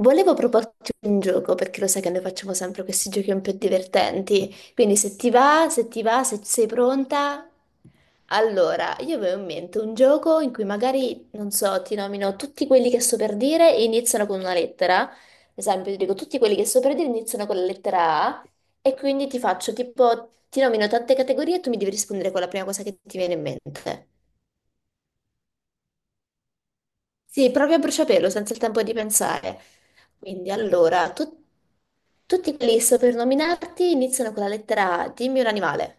Volevo proporti un gioco perché lo sai che noi facciamo sempre questi giochi un po' divertenti. Quindi se ti va, se sei pronta. Allora, io avevo in mente un gioco in cui magari, non so, ti nomino tutti quelli che sto per dire e iniziano con una lettera. Ad esempio, ti dico tutti quelli che sto per dire iniziano con la lettera A e quindi ti faccio tipo, ti nomino tante categorie e tu mi devi rispondere con la prima cosa che ti viene in mente. Sì, proprio a bruciapelo, senza il tempo di pensare. Quindi allora, tutti quelli che sto per nominarti iniziano con la lettera A. Dimmi un animale,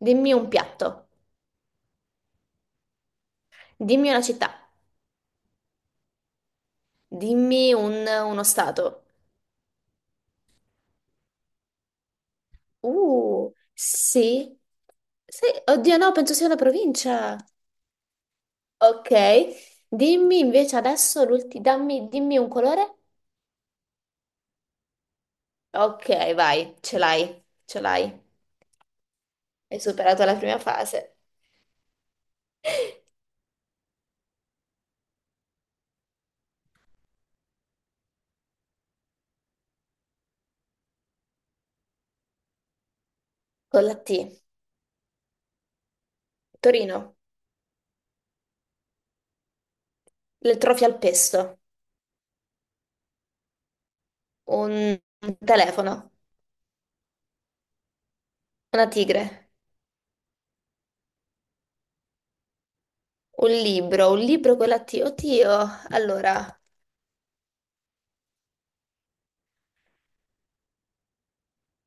dimmi un piatto, dimmi una città, dimmi uno stato. Sì. Sì, oddio no, penso sia una provincia. Ok, dimmi invece adesso l'ultimo, dimmi un colore. Ok, vai, ce l'hai, ce l'hai. Hai superato la prima fase. Con la T. Torino. Le trofi al pesto, un un telefono, una tigre, un libro con la T. Oddio, allora,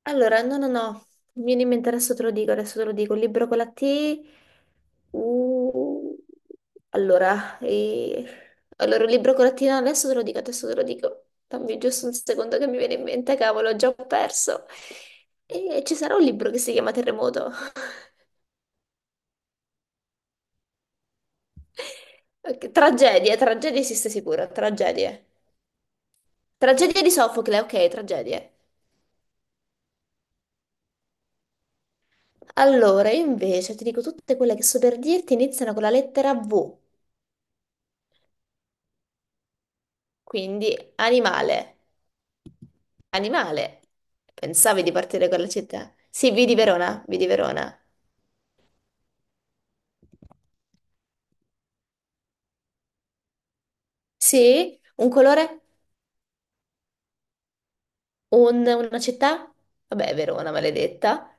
allora, no, no, no, mi viene in mente, adesso te lo dico, adesso te lo dico, un libro con la T, uh, allora, allora, un libro con la T, no, adesso te lo dico, adesso te lo dico, dammi giusto un secondo che mi viene in mente, cavolo, ho già perso. E ci sarà un libro che si chiama Terremoto. Ok, Tragedie, tragedie esiste sicuro, tragedie. Tragedie di Sofocle, ok, tragedie. Allora, io invece ti dico tutte quelle che so per dirti iniziano con la lettera V, quindi animale. Animale. Pensavi di partire con la città? Sì, V di Verona, V di Verona. Sì, un colore, una città? Vabbè, Verona, maledetta.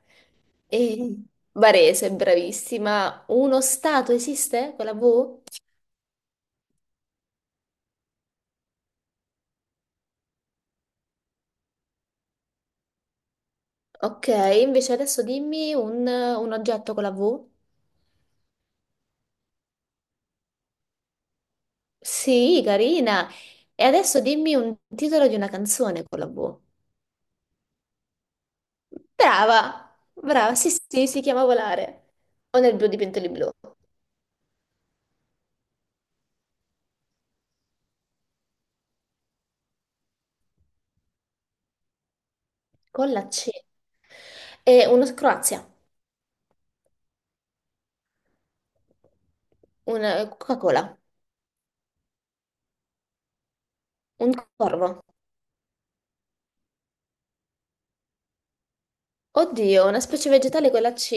E Varese, bravissima. Uno stato esiste con la V? Ok, invece adesso dimmi un oggetto con la V. Sì, carina. E adesso dimmi un titolo di una canzone con la V. Brava, brava, sì, sì, si chiama Volare. O nel blu di Pentoli Blu. Con la C. E uno Croazia, una Coca-Cola, un corvo. Oddio, una specie vegetale con la C.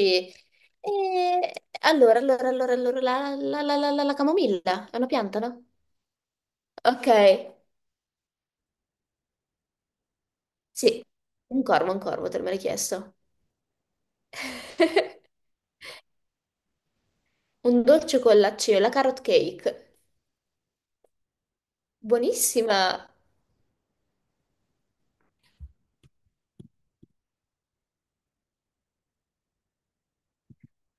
E allora, la camomilla è una pianta, no? Ok, sì, un corvo, te l'ho chiesto. Un dolce con la C, la carrot cake. Buonissima,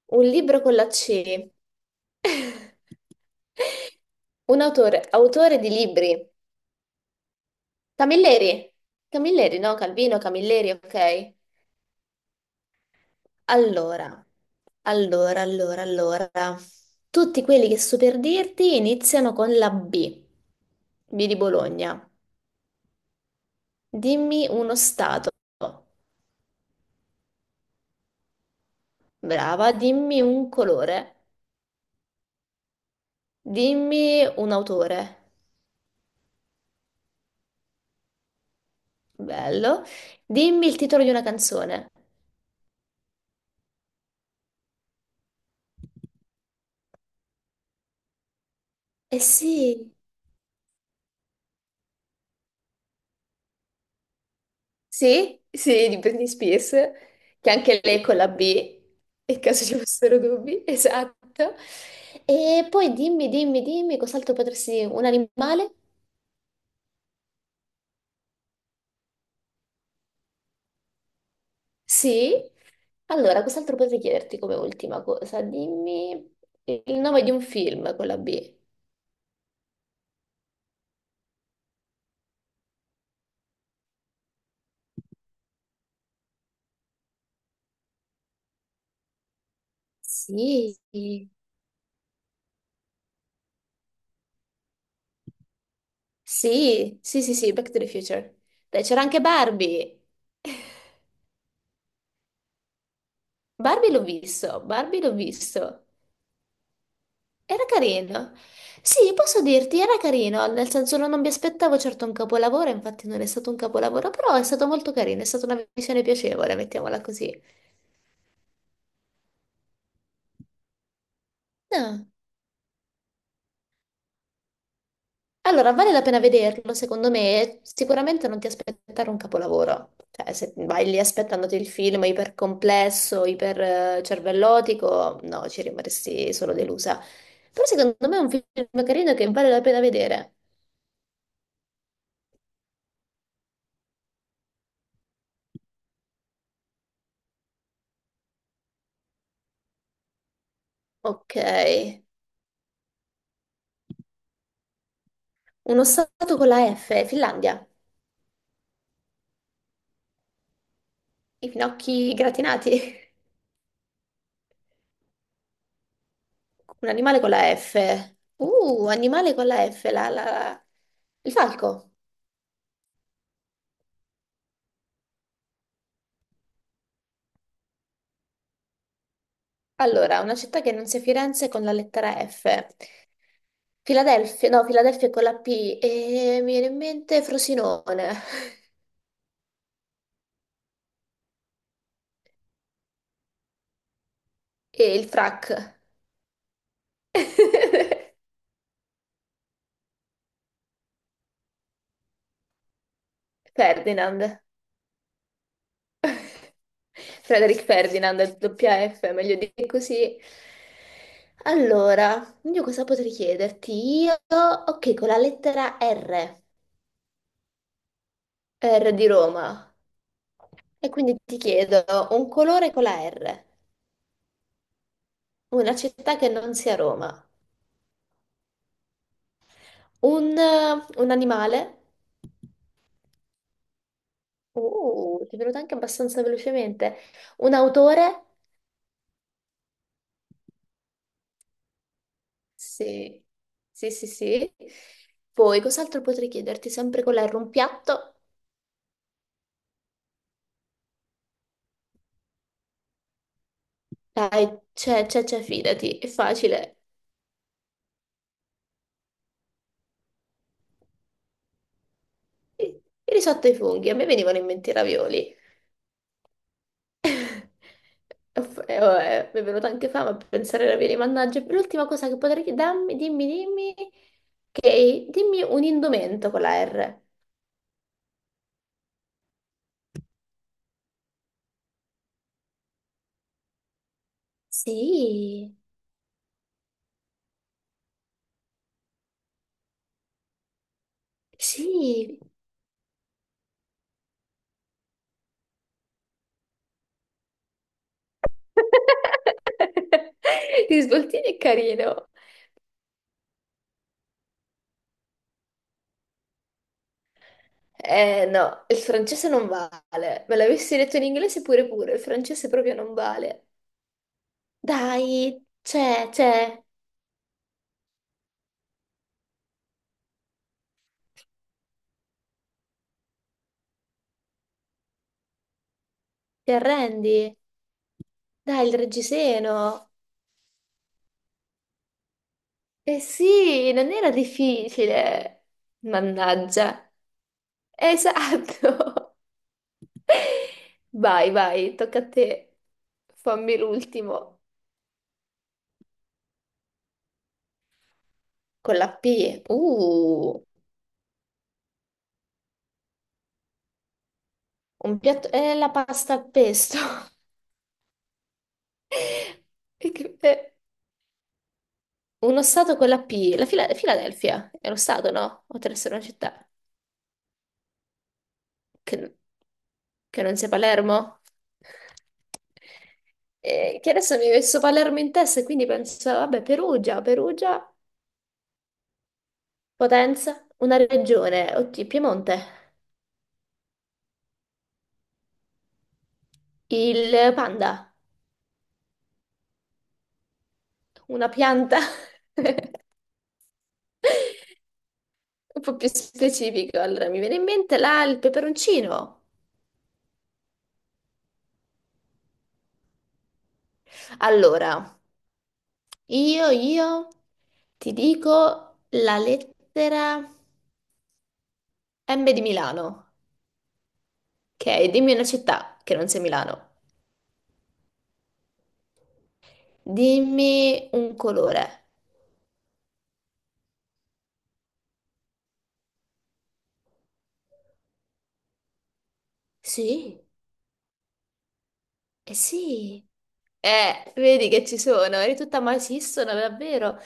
un libro con la C, un autore, autore di libri, Camilleri, Camilleri, no, Calvino, Camilleri, ok. Allora, allora, tutti quelli che so per dirti iniziano con la B, B di Bologna. Dimmi uno stato, brava, dimmi un colore, dimmi un autore, bello, dimmi il titolo di una canzone. Eh sì, sì, sì, di Britney Spears, che anche lei con la B, in caso ci fossero dubbi, esatto. E poi dimmi, cos'altro potresti... Un animale? Sì. Allora, cos'altro potrei chiederti come ultima cosa? Dimmi il nome di un film con la B. Sì, sì, sì, sì, sì, Back to the Future. Dai, c'era anche Barbie. Barbie l'ho visto, Barbie l'ho visto. Era carino. Sì, posso dirti, era carino, nel senso non mi aspettavo certo un capolavoro, infatti non è stato un capolavoro, però è stato molto carino, è stata una visione piacevole, mettiamola così. No. Allora, vale la pena vederlo, secondo me, sicuramente non ti aspettare un capolavoro. Cioè, se vai lì aspettandoti il film ipercomplesso, iper cervellotico, no, ci rimarresti solo delusa. Però secondo me è un film carino che vale la pena vedere. Ok. Uno stato con la F, Finlandia. I finocchi gratinati. Un animale con la F. Animale con la F, il falco. Allora, una città che non sia Firenze con la lettera F. Filadelfia, no, Filadelfia è con la P. E mi viene in mente Frosinone. E il frac. Ferdinand. Frederick Ferdinand, è doppia F, meglio di così. Allora, io cosa potrei chiederti? Ok, con la lettera R, R di Roma. E quindi ti chiedo un colore con la R, una città che non sia Roma, un, un animale, ti è venuto anche abbastanza velocemente, un autore, sì, sì, sì, sì. Poi cos'altro potrei chiederti sempre con la R, un piatto? Dai, c'è, fidati, è facile. Il il risotto ai funghi, a me venivano in mente i ravioli. E vabbè, mi è venuta anche fame a pensare ai ravioli, mannaggia. L'ultima cosa che potrei darmi, che dimmi un indumento con la R. Sì, sì. Ti svoltini è carino. Eh no, il francese non vale. Me l'avessi detto in inglese pure pure, il francese proprio non vale. Dai, c'è, c'è. Ti arrendi? Dai, il reggiseno. Eh sì, non era difficile. Mannaggia. Esatto. Vai, vai, tocca a te. Fammi l'ultimo. Con la P. Un piatto, è la pasta al pesto. E che- eh, Uno stato con la P. La Filadelfia. È lo stato, no? O deve essere una città. che, che non sia Palermo? E che adesso mi hai messo Palermo in testa e quindi penso, vabbè, Perugia, Potenza, una regione, oddio, Piemonte, il panda, una pianta, un po' più specifico. Allora, mi viene in mente là il peperoncino. Allora, io ti dico la lettera M di Milano, ok? Dimmi una città che non sia Milano. Dimmi un colore. Sì? Eh sì. Vedi che ci sono, eri tutta ma esistono davvero.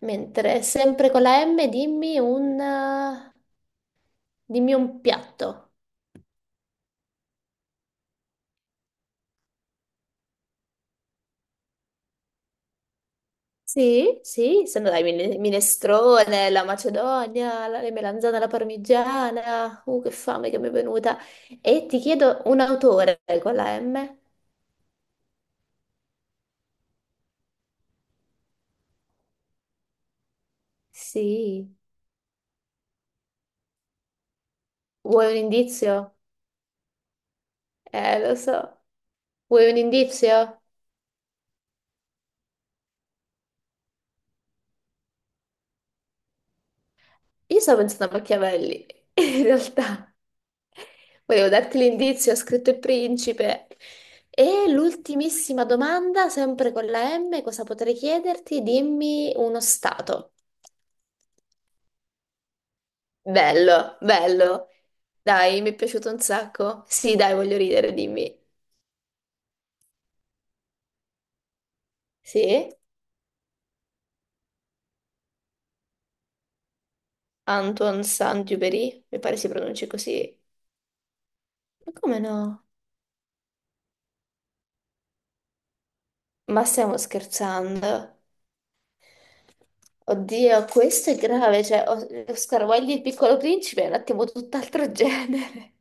Mentre sempre con la M dimmi un piatto. Sì, sì, sono dai minestrone, la macedonia, le melanzane alla parmigiana. Che fame che mi è venuta. E ti chiedo un autore con la M? Sì. Vuoi un indizio? Lo so. Vuoi un indizio? Io stavo pensando a Machiavelli, in realtà. Volevo darti l'indizio, ho scritto Il Principe. E l'ultimissima domanda, sempre con la M, cosa potrei chiederti? Dimmi uno stato. Bello, bello. Dai, mi è piaciuto un sacco. Sì, dai, voglio ridere, dimmi. Sì? Antoine Saint-Exupéry, mi pare si pronunci così. Ma come no? Ma stiamo scherzando. Oddio, questo è grave, cioè Oscar Wilde e il Piccolo Principe è un attimo tutt'altro genere,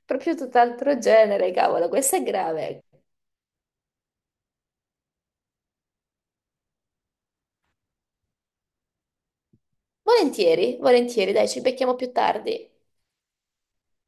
proprio tutt'altro genere, cavolo, questo è grave. Volentieri, volentieri, dai, ci becchiamo più tardi.